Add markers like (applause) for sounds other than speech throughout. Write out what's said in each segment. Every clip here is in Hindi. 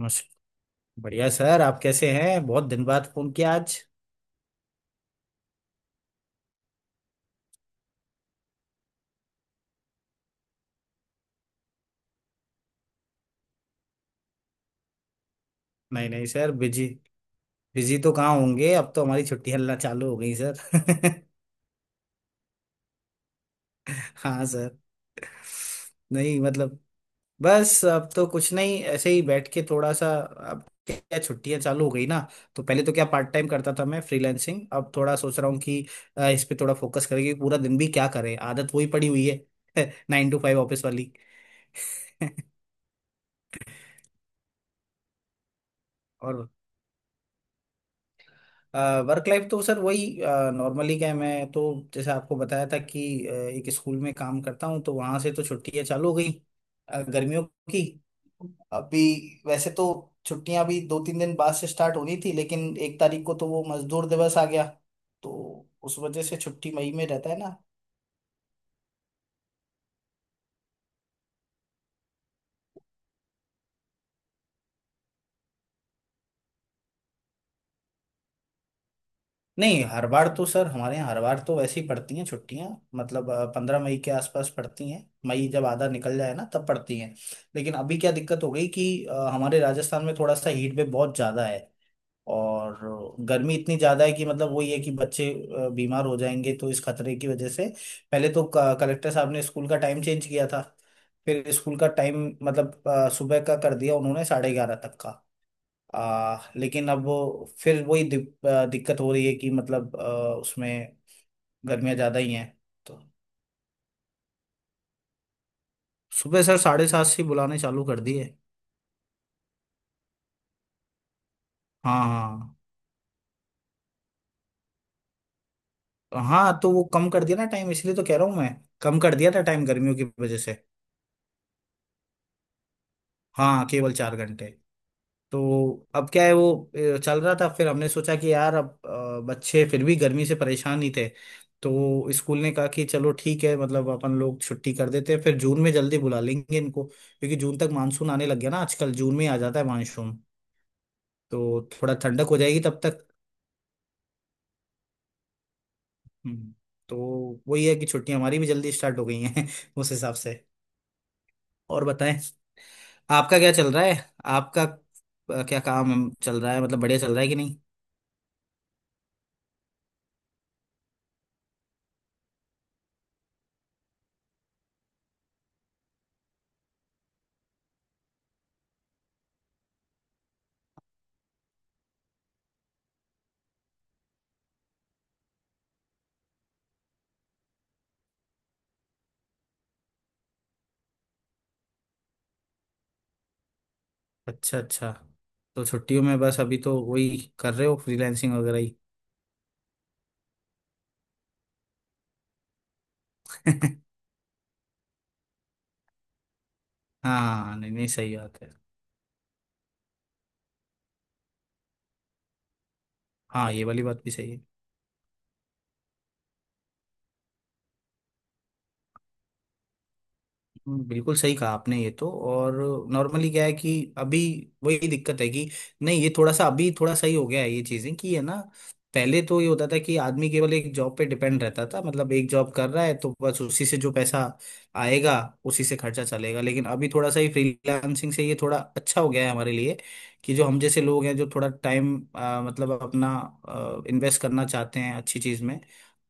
नमस्कार। बढ़िया सर, आप कैसे हैं? बहुत दिन बाद फोन किया आज। नहीं नहीं सर, बिजी बिजी तो कहाँ होंगे, अब तो हमारी छुट्टी हल्ला चालू हो गई सर। (laughs) हाँ सर। नहीं मतलब बस अब तो कुछ नहीं, ऐसे ही बैठ के थोड़ा सा। अब क्या, छुट्टियां चालू हो गई ना, तो पहले तो क्या पार्ट टाइम करता था मैं फ्रीलांसिंग, अब थोड़ा सोच रहा हूँ कि इस पे थोड़ा फोकस करेंगे। पूरा दिन भी क्या करें, आदत वही पड़ी हुई है। (laughs) 9 to 5 ऑफिस वाली। और वर्क लाइफ तो सर वही नॉर्मली क्या है, मैं तो जैसे आपको बताया था कि एक स्कूल में काम करता हूँ, तो वहां से तो छुट्टियां चालू हो गई गर्मियों की। अभी वैसे तो छुट्टियां भी 2-3 दिन बाद से स्टार्ट होनी थी, लेकिन 1 तारीख को तो वो मजदूर दिवस आ गया, तो उस वजह से छुट्टी मई में रहता है ना। नहीं हर बार तो सर, हमारे यहाँ हर बार तो वैसे ही पड़ती हैं छुट्टियाँ। मतलब 15 मई के आसपास पड़ती हैं, मई जब आधा निकल जाए ना तब पड़ती हैं। लेकिन अभी क्या दिक्कत हो गई कि हमारे राजस्थान में थोड़ा सा हीट वेव बहुत ज़्यादा है, और गर्मी इतनी ज़्यादा है कि मतलब वही है कि बच्चे बीमार हो जाएंगे, तो इस खतरे की वजह से पहले तो कलेक्टर साहब ने स्कूल का टाइम चेंज किया था। फिर स्कूल का टाइम मतलब सुबह का कर दिया उन्होंने 11:30 तक का। लेकिन अब वो फिर वही दिक्कत हो रही है कि मतलब उसमें गर्मियाँ ज़्यादा ही हैं तो। सुबह सर 7:30 से ही बुलाने चालू कर दिए। हाँ हाँ हाँ तो वो कम कर दिया ना टाइम, इसलिए तो कह रहा हूँ मैं, कम कर दिया था टाइम गर्मियों की वजह से। हाँ केवल 4 घंटे। तो अब क्या है वो चल रहा था, फिर हमने सोचा कि यार अब बच्चे फिर भी गर्मी से परेशान ही थे, तो स्कूल ने कहा कि चलो ठीक है, मतलब अपन लोग छुट्टी कर देते हैं, फिर जून में जल्दी बुला लेंगे इनको, क्योंकि जून तक मानसून आने लग गया ना, आजकल जून में ही आ जाता है मानसून, तो थोड़ा ठंडक हो जाएगी तब तक। हम्म, तो वही है कि छुट्टियां हमारी भी जल्दी स्टार्ट हो गई हैं। (laughs) उस हिसाब से। और बताएं आपका क्या चल रहा है, आपका क्या काम चल रहा है, मतलब बढ़िया चल रहा है कि नहीं। अच्छा अच्छा, तो छुट्टियों में बस अभी तो वही कर रहे हो फ्रीलैंसिंग वगैरह ही। (laughs) हाँ नहीं नहीं सही बात है। हाँ ये वाली बात भी सही है। बिल्कुल सही कहा आपने ये तो। और नॉर्मली क्या है कि अभी वही दिक्कत है कि नहीं, ये थोड़ा सा अभी थोड़ा सही हो गया है ये चीजें, कि है ना, पहले तो ये होता था कि आदमी केवल एक जॉब पे डिपेंड रहता था, मतलब एक जॉब कर रहा है तो बस उसी से जो पैसा आएगा उसी से खर्चा चलेगा, लेकिन अभी थोड़ा सा ये फ्रीलांसिंग से ये थोड़ा अच्छा हो गया है हमारे लिए, कि जो हम जैसे लोग हैं जो थोड़ा टाइम मतलब अपना इन्वेस्ट करना चाहते हैं अच्छी चीज में,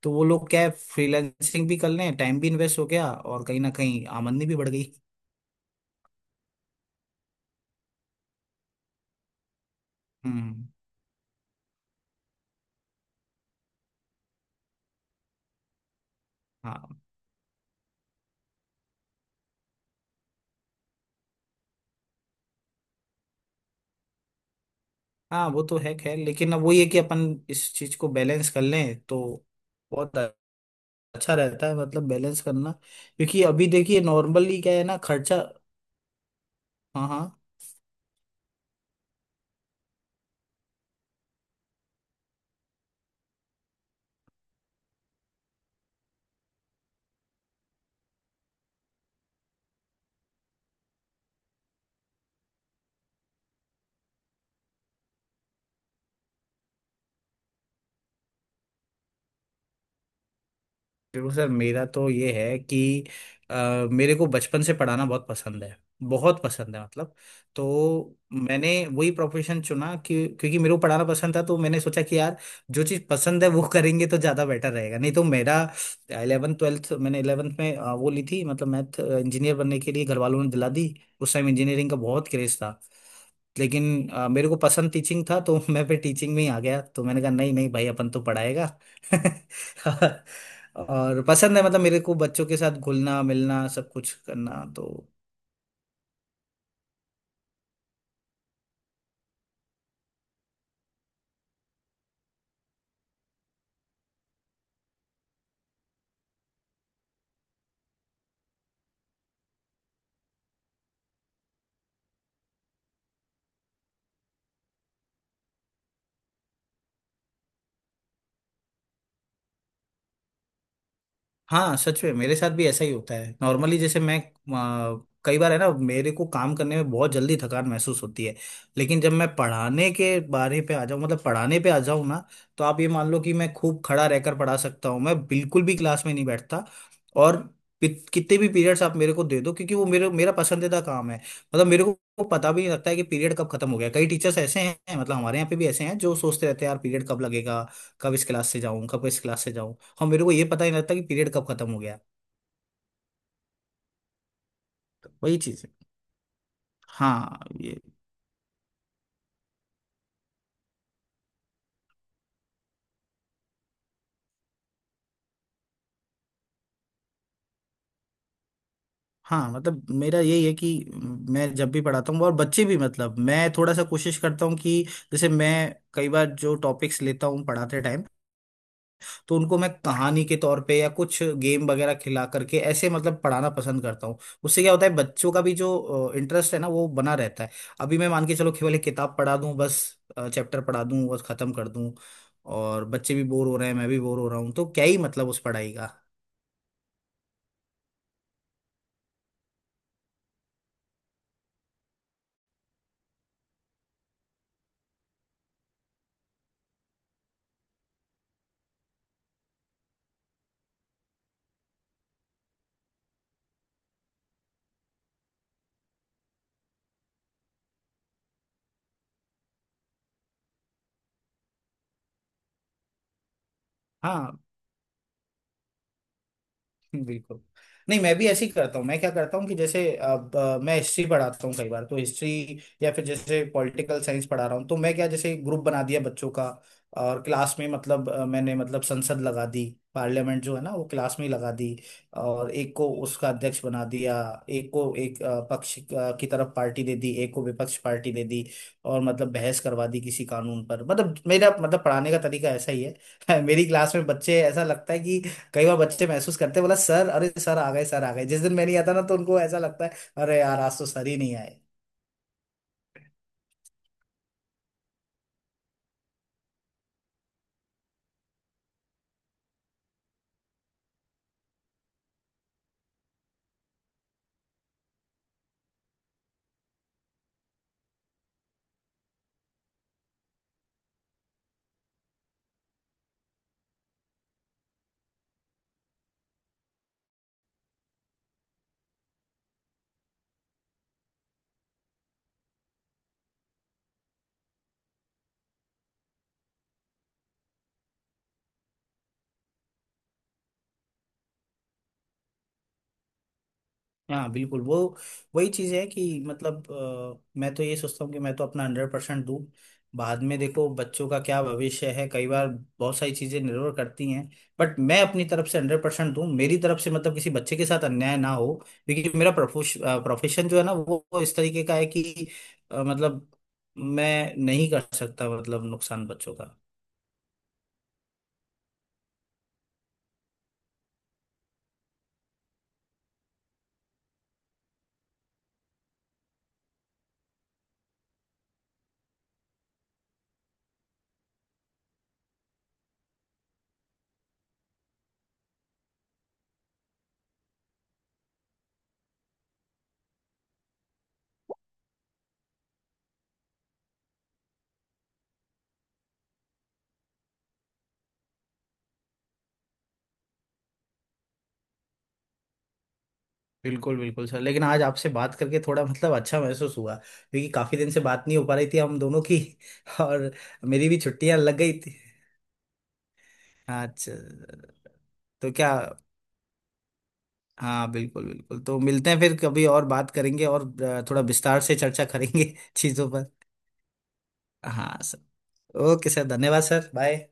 तो वो लोग क्या है फ्रीलांसिंग भी कर लें, टाइम भी इन्वेस्ट हो गया और कहीं ना कहीं आमदनी भी बढ़ गई। हम्म। हाँ हाँ वो तो है, खैर लेकिन अब वही है कि अपन इस चीज को बैलेंस कर लें तो बहुत अच्छा रहता है मतलब, बैलेंस करना, क्योंकि अभी देखिए नॉर्मली क्या है ना खर्चा। हाँ हाँ बिल्कुल सर, मेरा तो ये है कि अ, मेरे को बचपन से पढ़ाना बहुत पसंद है, बहुत पसंद है मतलब। तो मैंने वही प्रोफेशन चुना कि क्योंकि मेरे को पढ़ाना पसंद था, तो मैंने सोचा कि यार जो चीज़ पसंद है वो करेंगे तो ज़्यादा बेटर रहेगा, नहीं तो मेरा इलेवन ट्वेल्थ मैंने इलेवंथ में वो ली थी, मतलब मैथ, इंजीनियर बनने के लिए घर वालों ने दिला दी। उस टाइम इंजीनियरिंग का बहुत क्रेज था, लेकिन मेरे को पसंद टीचिंग था, तो (laughs) मैं फिर टीचिंग में ही आ गया, तो मैंने कहा नहीं नहीं भाई अपन तो पढ़ाएगा। (laughs) और पसंद है मतलब मेरे को बच्चों के साथ घुलना मिलना सब कुछ करना तो। हाँ सच में मेरे साथ भी ऐसा ही होता है, नॉर्मली जैसे मैं कई बार है ना मेरे को काम करने में बहुत जल्दी थकान महसूस होती है, लेकिन जब मैं पढ़ाने के बारे पे आ जाऊँ मतलब पढ़ाने पे आ जाऊँ ना, तो आप ये मान लो कि मैं खूब खड़ा रहकर पढ़ा सकता हूँ, मैं बिल्कुल भी क्लास में नहीं बैठता, और कितने भी पीरियड्स आप मेरे को दे दो, क्योंकि वो मेरे मेरा पसंदीदा काम है, मतलब मेरे को पता भी नहीं लगता है कि पीरियड कब खत्म हो गया। कई टीचर्स ऐसे हैं, मतलब हमारे यहाँ पे भी ऐसे हैं, जो सोचते रहते हैं यार पीरियड कब लगेगा, कब इस क्लास से जाऊं कब इस क्लास से जाऊं, और मेरे को ये पता ही नहीं लगता कि पीरियड कब खत्म हो गया। तो वही चीज है। हाँ ये हाँ मतलब मेरा यही है कि मैं जब भी पढ़ाता हूँ और बच्चे भी, मतलब मैं थोड़ा सा कोशिश करता हूँ कि जैसे मैं कई बार जो टॉपिक्स लेता हूँ पढ़ाते टाइम, तो उनको मैं कहानी के तौर पे या कुछ गेम वगैरह खिला करके ऐसे मतलब पढ़ाना पसंद करता हूँ। उससे क्या होता है बच्चों का भी जो इंटरेस्ट है ना वो बना रहता है। अभी मैं मान के चलो केवल एक किताब पढ़ा दूँ, बस चैप्टर पढ़ा दूँ बस खत्म कर दूँ, और बच्चे भी बोर हो रहे हैं मैं भी बोर हो रहा हूँ, तो क्या ही मतलब उस पढ़ाई का। हाँ बिल्कुल, नहीं मैं भी ऐसे ही करता हूँ। मैं क्या करता हूँ कि जैसे अब मैं हिस्ट्री पढ़ाता हूँ, कई बार तो हिस्ट्री या फिर जैसे पॉलिटिकल साइंस पढ़ा रहा हूँ, तो मैं क्या, जैसे ग्रुप बना दिया बच्चों का, और क्लास में मतलब मैंने मतलब संसद लगा दी, पार्लियामेंट जो है ना वो क्लास में ही लगा दी, और एक को उसका अध्यक्ष बना दिया, एक को एक पक्ष की तरफ पार्टी दे दी, एक को विपक्ष पार्टी दे दी, और मतलब बहस करवा दी किसी कानून पर। मतलब मेरा मतलब पढ़ाने का तरीका ऐसा ही है। (laughs) मेरी क्लास में बच्चे ऐसा लगता है कि कई बार बच्चे महसूस करते हैं, बोला सर अरे सर आ गए सर आ गए, जिस दिन मैं नहीं आता ना तो उनको ऐसा लगता है अरे यार आज तो सर ही नहीं आए। हाँ बिल्कुल, वो वही चीज है कि मतलब मैं तो ये सोचता हूँ कि मैं तो अपना 100% दूँ, बाद में देखो बच्चों का क्या भविष्य है, कई बार बहुत सारी चीजें निर्भर करती हैं, बट मैं अपनी तरफ से 100% दूँ मेरी तरफ से, मतलब किसी बच्चे के साथ अन्याय ना हो, क्योंकि मेरा प्रोफेशन जो है ना वो इस तरीके का है कि मतलब मैं नहीं कर सकता मतलब नुकसान बच्चों का। बिल्कुल बिल्कुल सर, लेकिन आज आपसे बात करके थोड़ा मतलब अच्छा महसूस हुआ, क्योंकि काफी दिन से बात नहीं हो पा रही थी हम दोनों की। (laughs) और मेरी भी छुट्टियां लग गई थी। अच्छा। तो क्या, हाँ बिल्कुल बिल्कुल, तो मिलते हैं फिर कभी और बात करेंगे और थोड़ा विस्तार से चर्चा करेंगे (laughs) चीजों पर। हाँ सर। ओके सर, धन्यवाद सर, बाय।